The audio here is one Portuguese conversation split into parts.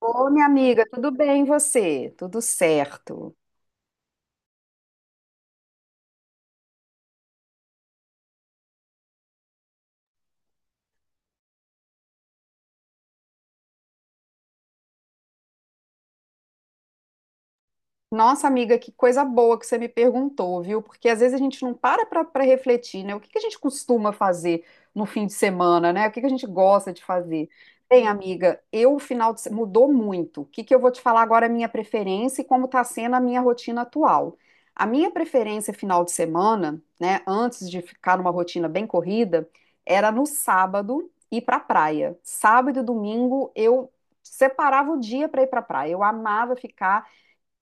Ô, minha amiga, tudo bem e você? Tudo certo. Nossa, amiga, que coisa boa que você me perguntou, viu? Porque às vezes a gente não para para refletir, né? O que que a gente costuma fazer no fim de semana, né? O que que a gente gosta de fazer? Bem, amiga, eu o final de se- mudou muito. O que que eu vou te falar agora é a minha preferência e como está sendo a minha rotina atual. A minha preferência final de semana, né, antes de ficar numa rotina bem corrida, era no sábado ir para praia. Sábado e domingo eu separava o dia para ir para praia. Eu amava ficar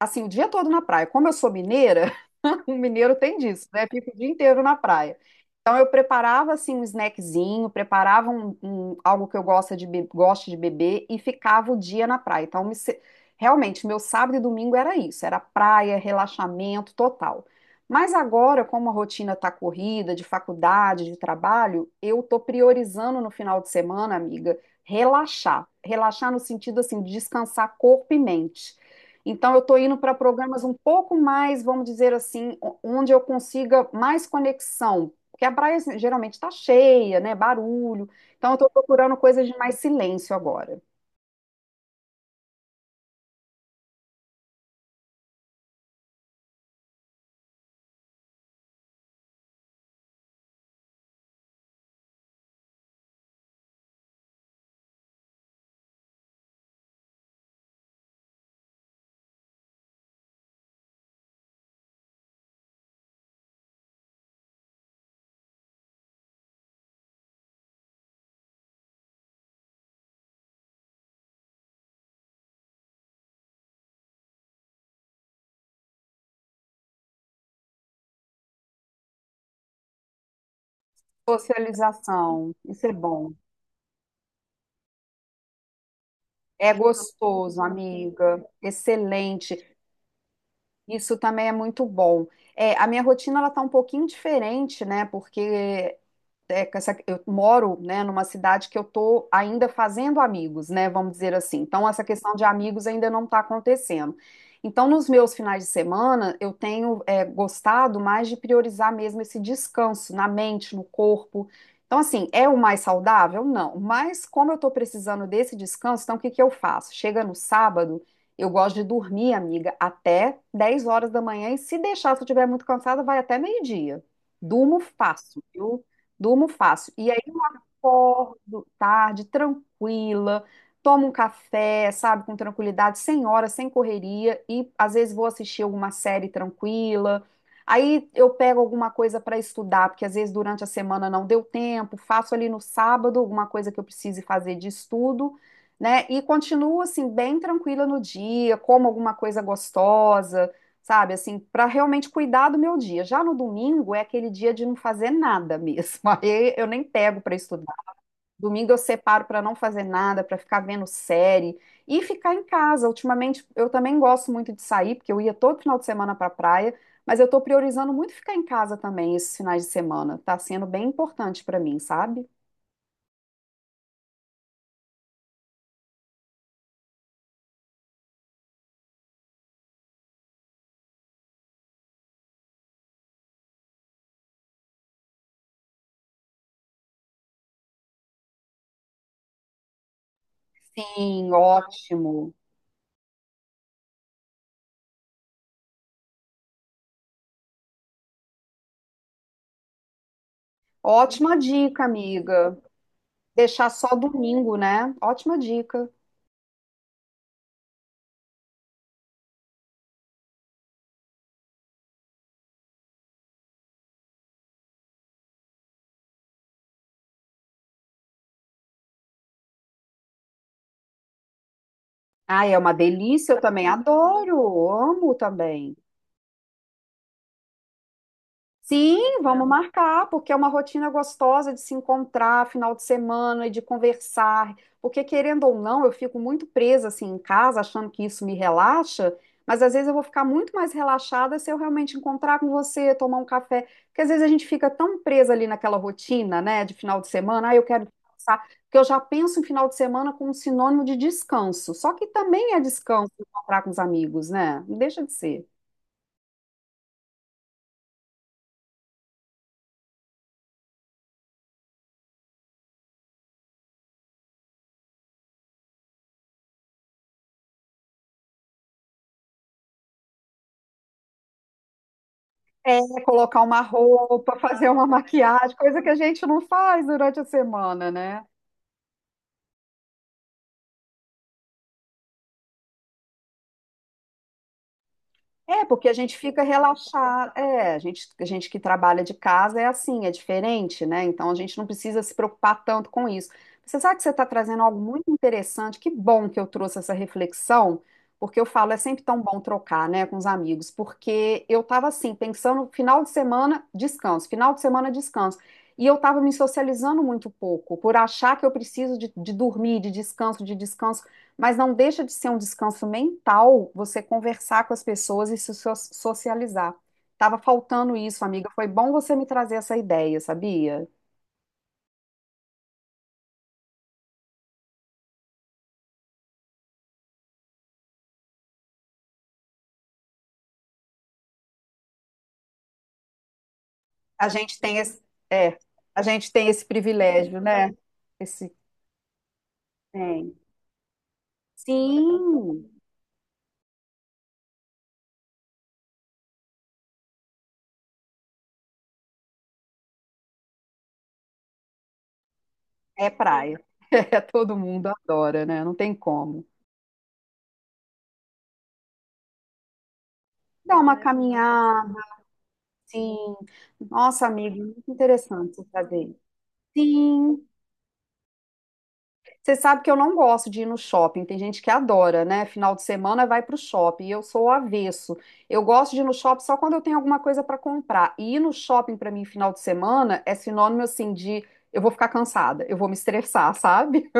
assim, o dia todo na praia. Como eu sou mineira, o mineiro tem disso, né? Fica o dia inteiro na praia. Então eu preparava assim um snackzinho, preparava algo que eu gosto de beber e ficava o dia na praia. Então me se- Realmente meu sábado e domingo era isso, era praia, relaxamento total. Mas agora, como a rotina está corrida, de faculdade, de trabalho, eu tô priorizando no final de semana, amiga, relaxar. Relaxar no sentido assim de descansar corpo e mente. Então, eu estou indo para programas um pouco mais, vamos dizer assim, o- onde eu consiga mais conexão. Porque a praia assim, geralmente está cheia, né? Barulho. Então, eu estou procurando coisas de mais silêncio agora. Socialização, isso é bom. É gostoso, amiga. Excelente. Isso também é muito bom. É, a minha rotina ela tá um pouquinho diferente, né? Porque é, com eu moro, né, numa cidade que eu tô ainda fazendo amigos, né? Vamos dizer assim. Então essa questão de amigos ainda não está acontecendo. Então nos meus finais de semana eu tenho é, gostado mais de priorizar mesmo esse descanso na mente, no corpo. Então assim é o mais saudável? Não. Mas como eu estou precisando desse descanso, então o que que eu faço? Chega no sábado eu gosto de dormir, amiga, até 10 horas da manhã e se deixar, se eu estiver muito cansada, vai até meio-dia. Durmo fácil, viu? Durmo fácil. E aí eu acordo tarde, tranquila, tomo um café, sabe, com tranquilidade, sem hora, sem correria e às vezes vou assistir alguma série tranquila. Aí eu pego alguma coisa para estudar, porque às vezes durante a semana não deu tempo, faço ali no sábado alguma coisa que eu precise fazer de estudo, né? E continuo assim bem tranquila no dia, como alguma coisa gostosa, sabe? Assim, para realmente cuidar do meu dia. Já no domingo é aquele dia de não fazer nada mesmo. Aí eu nem pego para estudar. Domingo eu separo para não fazer nada, para ficar vendo série e ficar em casa. Ultimamente eu também gosto muito de sair, porque eu ia todo final de semana para praia, mas eu tô priorizando muito ficar em casa também esses finais de semana. Tá sendo bem importante para mim, sabe? Sim, ótimo. Ótima dica, amiga. Deixar só domingo, né? Ótima dica. Ah, é uma delícia, eu também adoro, amo também. Sim, vamos marcar, porque é uma rotina gostosa de se encontrar final de semana e de conversar. Porque, querendo ou não, eu fico muito presa assim em casa, achando que isso me relaxa, mas às vezes eu vou ficar muito mais relaxada se eu realmente encontrar com você, tomar um café. Porque às vezes a gente fica tão presa ali naquela rotina, né, de final de semana, ah, eu quero descansar, porque eu já penso em final de semana como um sinônimo de descanso. Só que também é descanso encontrar com os amigos, né? Não deixa de ser. É, colocar uma roupa, fazer uma maquiagem, coisa que a gente não faz durante a semana, né? É, porque a gente fica relaxado. É, a gente que trabalha de casa é assim, é diferente, né? Então a gente não precisa se preocupar tanto com isso. Você sabe que você está trazendo algo muito interessante. Que bom que eu trouxe essa reflexão, porque eu falo, é sempre tão bom trocar, né, com os amigos, porque eu estava assim, pensando, final de semana, descanso, final de semana, descanso. E eu estava me socializando muito pouco, por achar que eu preciso de dormir, de descanso, de descanso. Mas não deixa de ser um descanso mental você conversar com as pessoas e se socializar. Tava faltando isso, amiga. Foi bom você me trazer essa ideia, sabia? A gente tem esse, é, a gente tem esse privilégio, né? Esse tem. Sim, é praia. É, todo mundo adora, né? Não tem como. Dar uma caminhada, sim. Nossa, amiga, muito interessante você fazer. Sim. Você sabe que eu não gosto de ir no shopping. Tem gente que adora, né? Final de semana vai pro shopping. E eu sou o avesso. Eu gosto de ir no shopping só quando eu tenho alguma coisa para comprar. E ir no shopping para mim final de semana é sinônimo assim de eu vou ficar cansada, eu vou me estressar, sabe?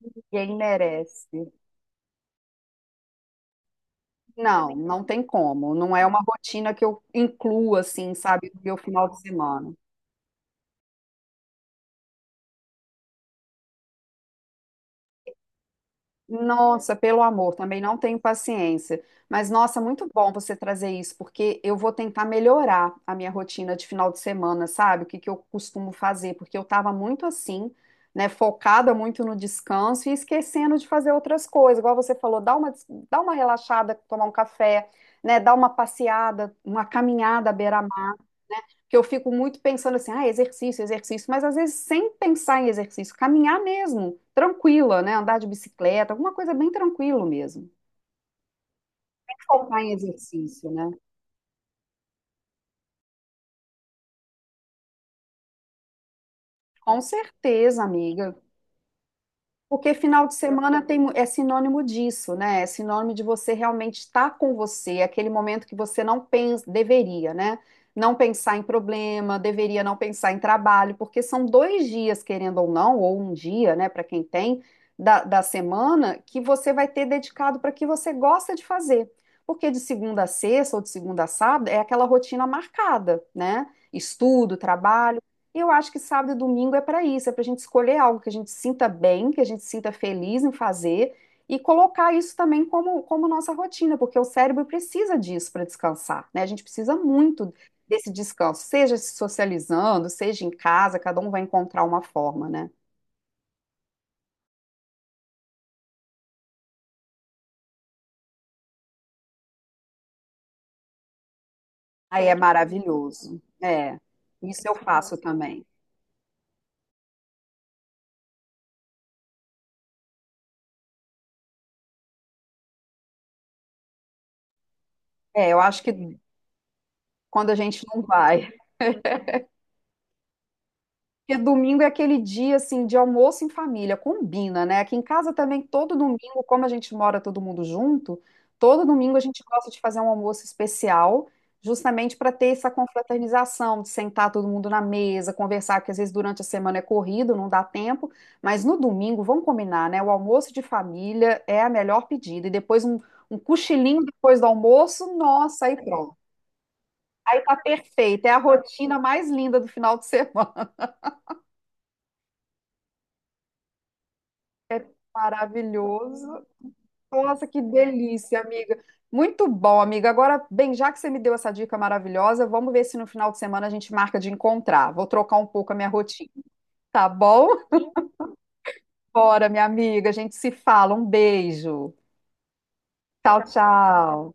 Ninguém merece. Não, não tem como. Não é uma rotina que eu incluo assim, sabe, no meu final de semana. Nossa, pelo amor, também não tenho paciência. Mas, nossa, muito bom você trazer isso, porque eu vou tentar melhorar a minha rotina de final de semana, sabe? O que que eu costumo fazer, porque eu estava muito assim, né, focada muito no descanso e esquecendo de fazer outras coisas. Igual você falou, dá uma relaxada, tomar um café, né, dar uma passeada, uma caminhada à beira-mar que eu fico muito pensando assim, ah, exercício, exercício, mas às vezes sem pensar em exercício, caminhar mesmo, tranquila, né? Andar de bicicleta, alguma coisa bem tranquilo mesmo. Focar em exercício, né? Com certeza, amiga. Porque final de semana tem, é sinônimo disso, né? É sinônimo de você realmente estar com você, é aquele momento que você não pensa, deveria, né? Não pensar em problema, deveria não pensar em trabalho, porque são 2 dias, querendo ou não, ou um dia, né, para quem tem, da semana, que você vai ter dedicado para o que você gosta de fazer. Porque de segunda a sexta ou de segunda a sábado é aquela rotina marcada, né? Estudo, trabalho. E eu acho que sábado e domingo é para isso, é para a gente escolher algo que a gente sinta bem, que a gente sinta feliz em fazer e colocar isso também como, como nossa rotina, porque o cérebro precisa disso para descansar, né? A gente precisa muito desse descanso, seja se socializando, seja em casa, cada um vai encontrar uma forma, né? Aí é maravilhoso. É, isso eu faço também. É, eu acho que quando a gente não vai. Porque domingo é aquele dia assim de almoço em família, combina, né? Aqui em casa também, todo domingo, como a gente mora todo mundo junto, todo domingo a gente gosta de fazer um almoço especial, justamente para ter essa confraternização, de sentar todo mundo na mesa, conversar, que às vezes durante a semana é corrido, não dá tempo, mas no domingo, vamos combinar, né? O almoço de família é a melhor pedida, e depois um, um cochilinho depois do almoço, nossa, aí pronto. Aí tá perfeito, é a rotina mais linda do final de semana. Maravilhoso. Nossa, que delícia, amiga. Muito bom, amiga. Agora, bem, já que você me deu essa dica maravilhosa, vamos ver se no final de semana a gente marca de encontrar. Vou trocar um pouco a minha rotina, tá bom? Bora, minha amiga, a gente se fala. Um beijo. Tchau, tchau.